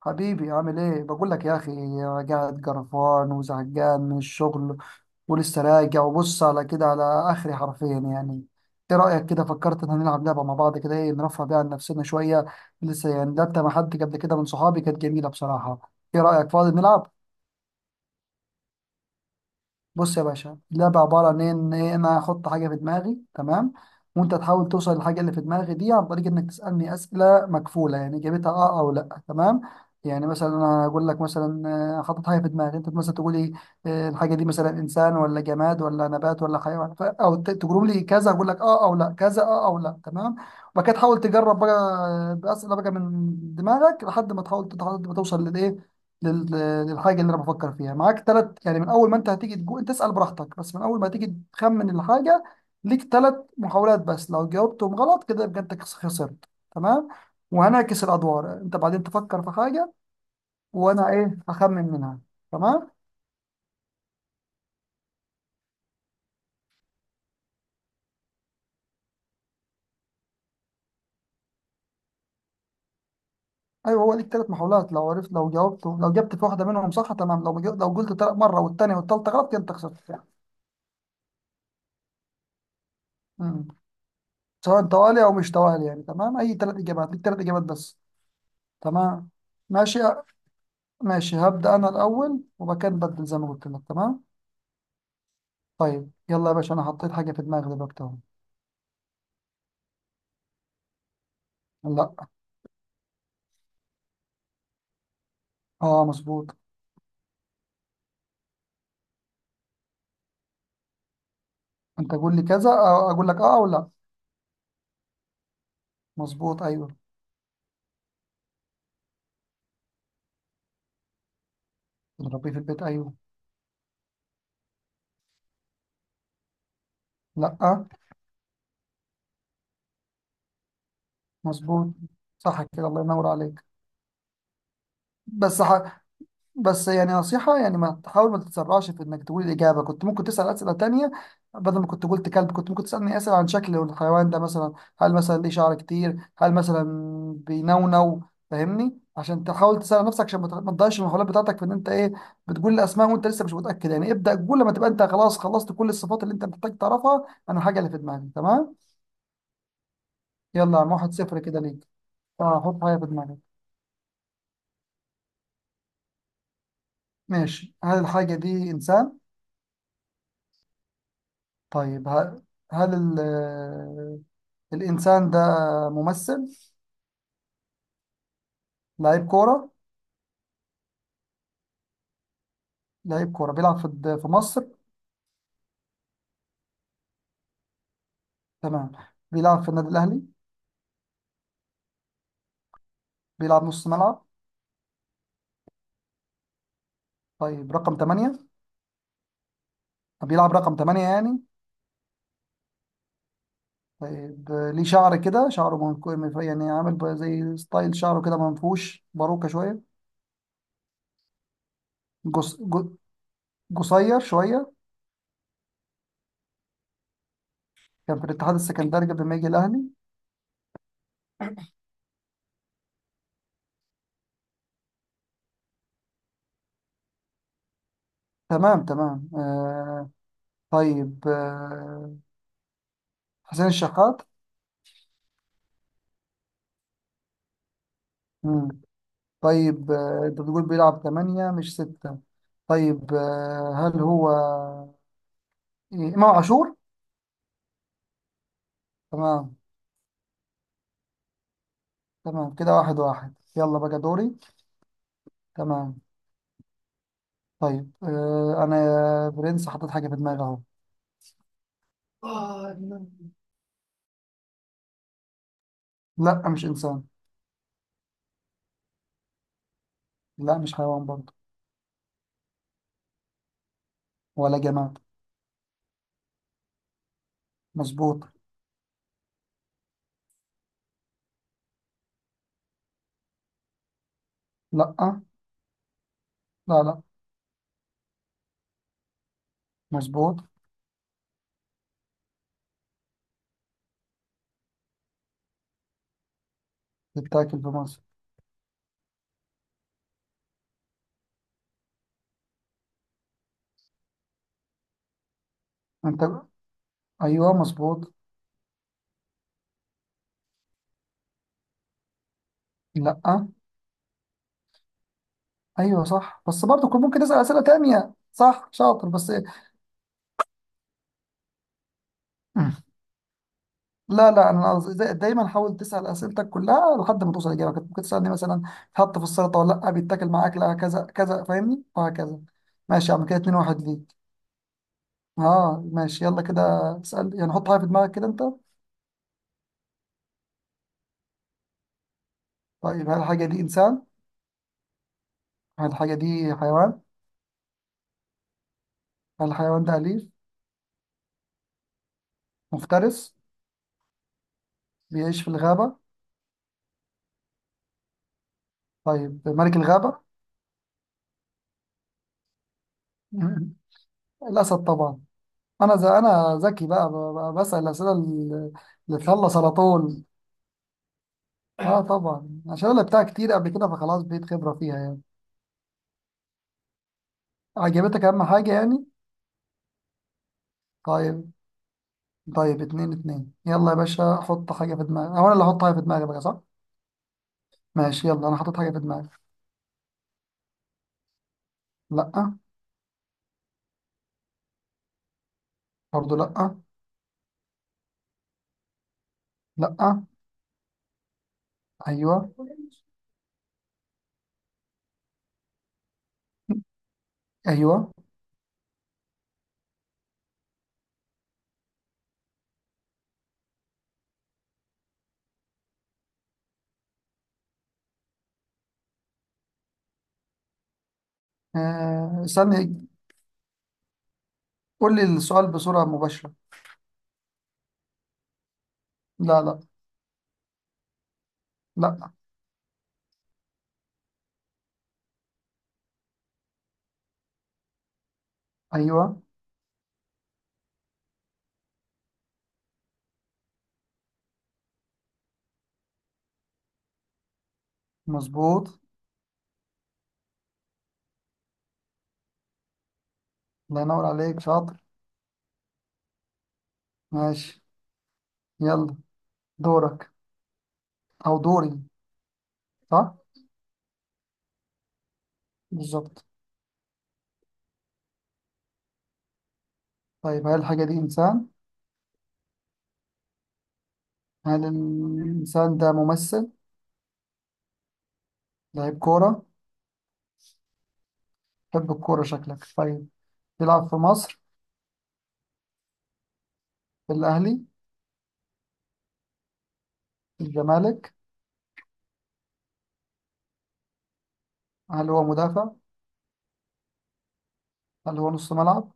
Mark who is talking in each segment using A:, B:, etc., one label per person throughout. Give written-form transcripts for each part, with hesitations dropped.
A: حبيبي عامل ايه؟ بقول لك يا اخي، قاعد قرفان وزهقان من الشغل، ولسه راجع وبص على كده على اخري حرفيا يعني. ايه رايك كده؟ فكرت ان هنلعب لعبه مع بعض كده، ايه نرفه بيها عن نفسنا شويه. لسه يعني لعبت مع حد قبل كده من صحابي، كانت جميله بصراحه. ايه رايك فاضي نلعب؟ بص يا باشا، اللعبة عبارة عن إيه؟ إن أنا أحط حاجة في دماغي، تمام، وأنت تحاول توصل للحاجة اللي في دماغي دي عن طريق إنك تسألني أسئلة مكفولة، يعني إجابتها أه أو لأ، تمام. يعني مثلا أنا أقول لك مثلا حاطط حاجة في دماغي، أنت مثلا تقول لي الحاجة دي مثلا إنسان ولا جماد ولا نبات ولا حيوان، تقول لي كذا أقول لك أه أو لأ، كذا أه أو لأ، تمام. وبعد كده تحاول تجرب بقى بأسئلة بقى من دماغك لحد ما تحاول، لحد ما توصل للإيه، لل- للحاجه اللي انا بفكر فيها. معاك ثلاث يعني، من اول ما انت هتيجي تجو انت اسال براحتك، بس من اول ما تيجي تخمن الحاجه ليك ثلاث محاولات بس. لو جاوبتهم غلط كده يبقى انت خسرت، تمام. وهنعكس الادوار، انت بعدين تفكر في حاجه وانا ايه هخمن منها. تمام، ايوه، هو ليك ثلاث محاولات. لو عرفت، لو جاوبته، لو جبت في واحده منهم صح، تمام. لو لو قلت مره والثانيه والثالثه غلط كده انت خسرت يعني. مم. سواء توالي او مش توالي يعني، تمام، اي ثلاث اجابات، ليك ثلاث اجابات بس. تمام، ماشي. ماشي، هبدأ أنا الأول وبعد كده نبدل زي ما قلت لك، تمام. طيب يلا يا باشا، أنا حطيت حاجة في دماغي دلوقتي أهو. لا. أه مظبوط. أنت قول لي كذا أو أقول لك أه أو لا. مظبوط أيوه. بنربيه في البيت أيوه. لا. مظبوط. صح كده، الله ينور عليك. بس ح... بس يعني نصيحة يعني، ما تحاول، ما تتسرعش في انك تقول الإجابة. كنت ممكن تسأل أسئلة تانية. بدل ما كنت قلت كلب، كنت ممكن تسألني أسئلة عن شكل الحيوان ده مثلا، هل مثلا ليه شعر كتير، هل مثلا بينونو، فاهمني؟ عشان تحاول تسأل نفسك عشان ما ما تضيعش المحاولات بتاعتك في ان انت ايه، بتقول الأسماء وانت لسه مش متأكد. يعني ابدأ قول لما تبقى انت خلاص خلصت كل الصفات اللي انت محتاج تعرفها عن الحاجة اللي في دماغك، تمام. يلا يا عم، واحد صفر كده ليك. اه حط حاجة في دماغك. ماشي، هل الحاجة دي إنسان؟ طيب ه- هل ال الإنسان ده ممثل؟ لعيب كورة؟ لعيب كورة بيلعب في في مصر؟ تمام. بيلعب في النادي الأهلي؟ بيلعب نص ملعب؟ طيب رقم 8؟ بيلعب رقم 8 يعني؟ طيب ليه شعر كده، شعره يعني عامل زي ستايل شعره كده منفوش، باروكة شوية؟ جس... ج- قصير شوية؟ كان في الاتحاد السكندري قبل ما يجي الأهلي؟ تمام تمام آه... طيب آه... حسين الشحات؟ طيب آه، انت بتقول بيلعب ثمانية مش ستة. طيب هل هو إمام عاشور؟ تمام. تمام كده واحد واحد، يلا بقى دوري. تمام. طيب أنا يا برنس حطيت حاجة في دماغي أهو. لا، مش إنسان. لا، مش حيوان برضه. ولا جماد. مظبوط. لا، لا لا. مظبوط. بتاكل في مصر. أنت أيوه مظبوط. لا. أيوه صح، بس برضه كنت ممكن تسأل أسئلة تانية. صح، شاطر بس. لا لا، انا قصدي دايما حاول تسال اسئلتك كلها لحد ما توصل اجابه. كنت ممكن تسالني مثلا تحط في السلطه ولا لا، بيتاكل مع اكله كذا كذا، فاهمني؟ وهكذا. ماشي يا عم، كده 2-1 ليك. اه ماشي، يلا كده اسال، يعني حط حاجه في دماغك كده انت. طيب هل الحاجه دي انسان؟ هل الحاجه دي حيوان؟ هل الحيوان ده اليف؟ مفترس؟ بيعيش في الغابه؟ طيب ملك الغابه؟ الاسد طبعا. انا زي، انا ذكي بقى، بسال الاسئله اللي تخلص على طول. اه طبعا، عشان انا لعبتها كتير قبل كده فخلاص بقيت خبرة فيها يعني. عجبتك، اهم حاجة يعني. طيب. طيب اتنين اتنين، يلا يا باشا حط حاجة في دماغك او انا اللي احط حاجة في دماغي بقى، صح؟ ماشي، يلا انا حطيت حاجة في دماغي. لا. برضه لا. لا. ايوه. ايوه. آه استني. قول لي السؤال بصورة مباشرة. لا لا. لا. ايوه. مظبوط. الله ينور عليك شاطر. ماشي. يلا دورك، او دوري. صح، بالظبط. طيب هل الحاجة دي انسان؟ هل الإنسان ده ممثل؟ لعيب كورة؟ تحب الكورة شكلك، طيب. بيلعب في مصر؟ في الأهلي؟ في الزمالك؟ هل هو مدافع؟ هل هو نص ملعب؟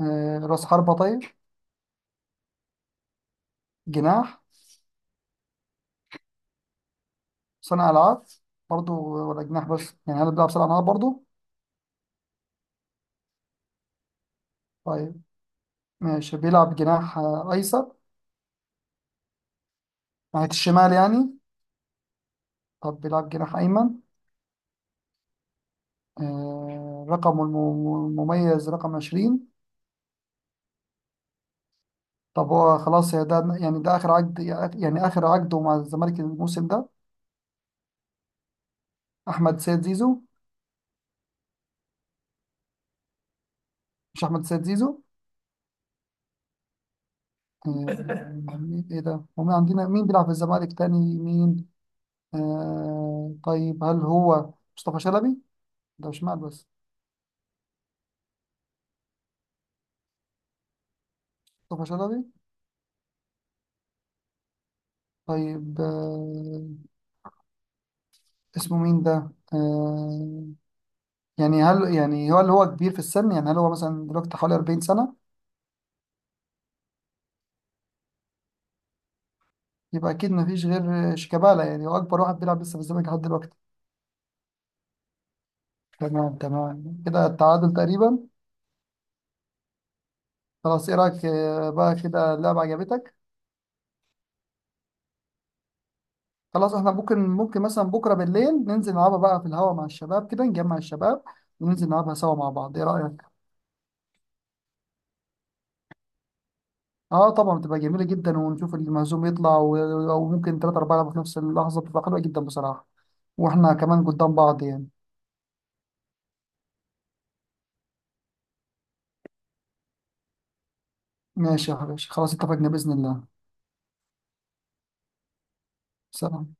A: رأس حربة طيب؟ جناح؟ صانع ألعاب برضو؟ ولا جناح بس يعني، هل بيلعب صانع ألعاب برضو؟ طيب. ماشي بيلعب جناح أيسر؟ ناحية الشمال يعني. طب بيلعب جناح أيمن؟ آه، رقمه المميز رقم 20؟ طب هو خلاص يا ده يعني، ده آخر عقد يعني، آخر عقده مع الزمالك الموسم ده؟ احمد سيد زيزو؟ مش احمد سيد زيزو؟ آه مين، ايه ده، ومين عندنا، مين بيلعب في الزمالك تاني، مين؟ آه طيب هل هو مصطفى شلبي؟ ده مش مال بس. مصطفى شلبي. طيب آه، اسمه مين ده، آه، يعني هل يعني هو اللي هو كبير في السن يعني، هل هو مثلا دلوقتي حوالي 40 سنة؟ يبقى اكيد ما فيش غير شيكابالا يعني، هو اكبر واحد بيلعب لسه في الزمالك لحد دلوقتي. تمام تمام كده، التعادل تقريبا. خلاص، ايه رايك بقى كده اللعبة عجبتك؟ خلاص احنا ممكن، مثلا بكرة بالليل ننزل نلعبها بقى في الهوا مع الشباب كده، نجمع الشباب وننزل نلعبها سوا مع بعض، ايه رأيك؟ اه طبعا، بتبقى جميلة جدا. ونشوف المهزوم يطلع، وممكن تلاتة أربعة يلعبوا في نفس اللحظة، بتبقى حلوة جدا بصراحة. واحنا كمان قدام بعض يعني. ماشي يا حبيبي، خلاص اتفقنا بإذن الله. سلام.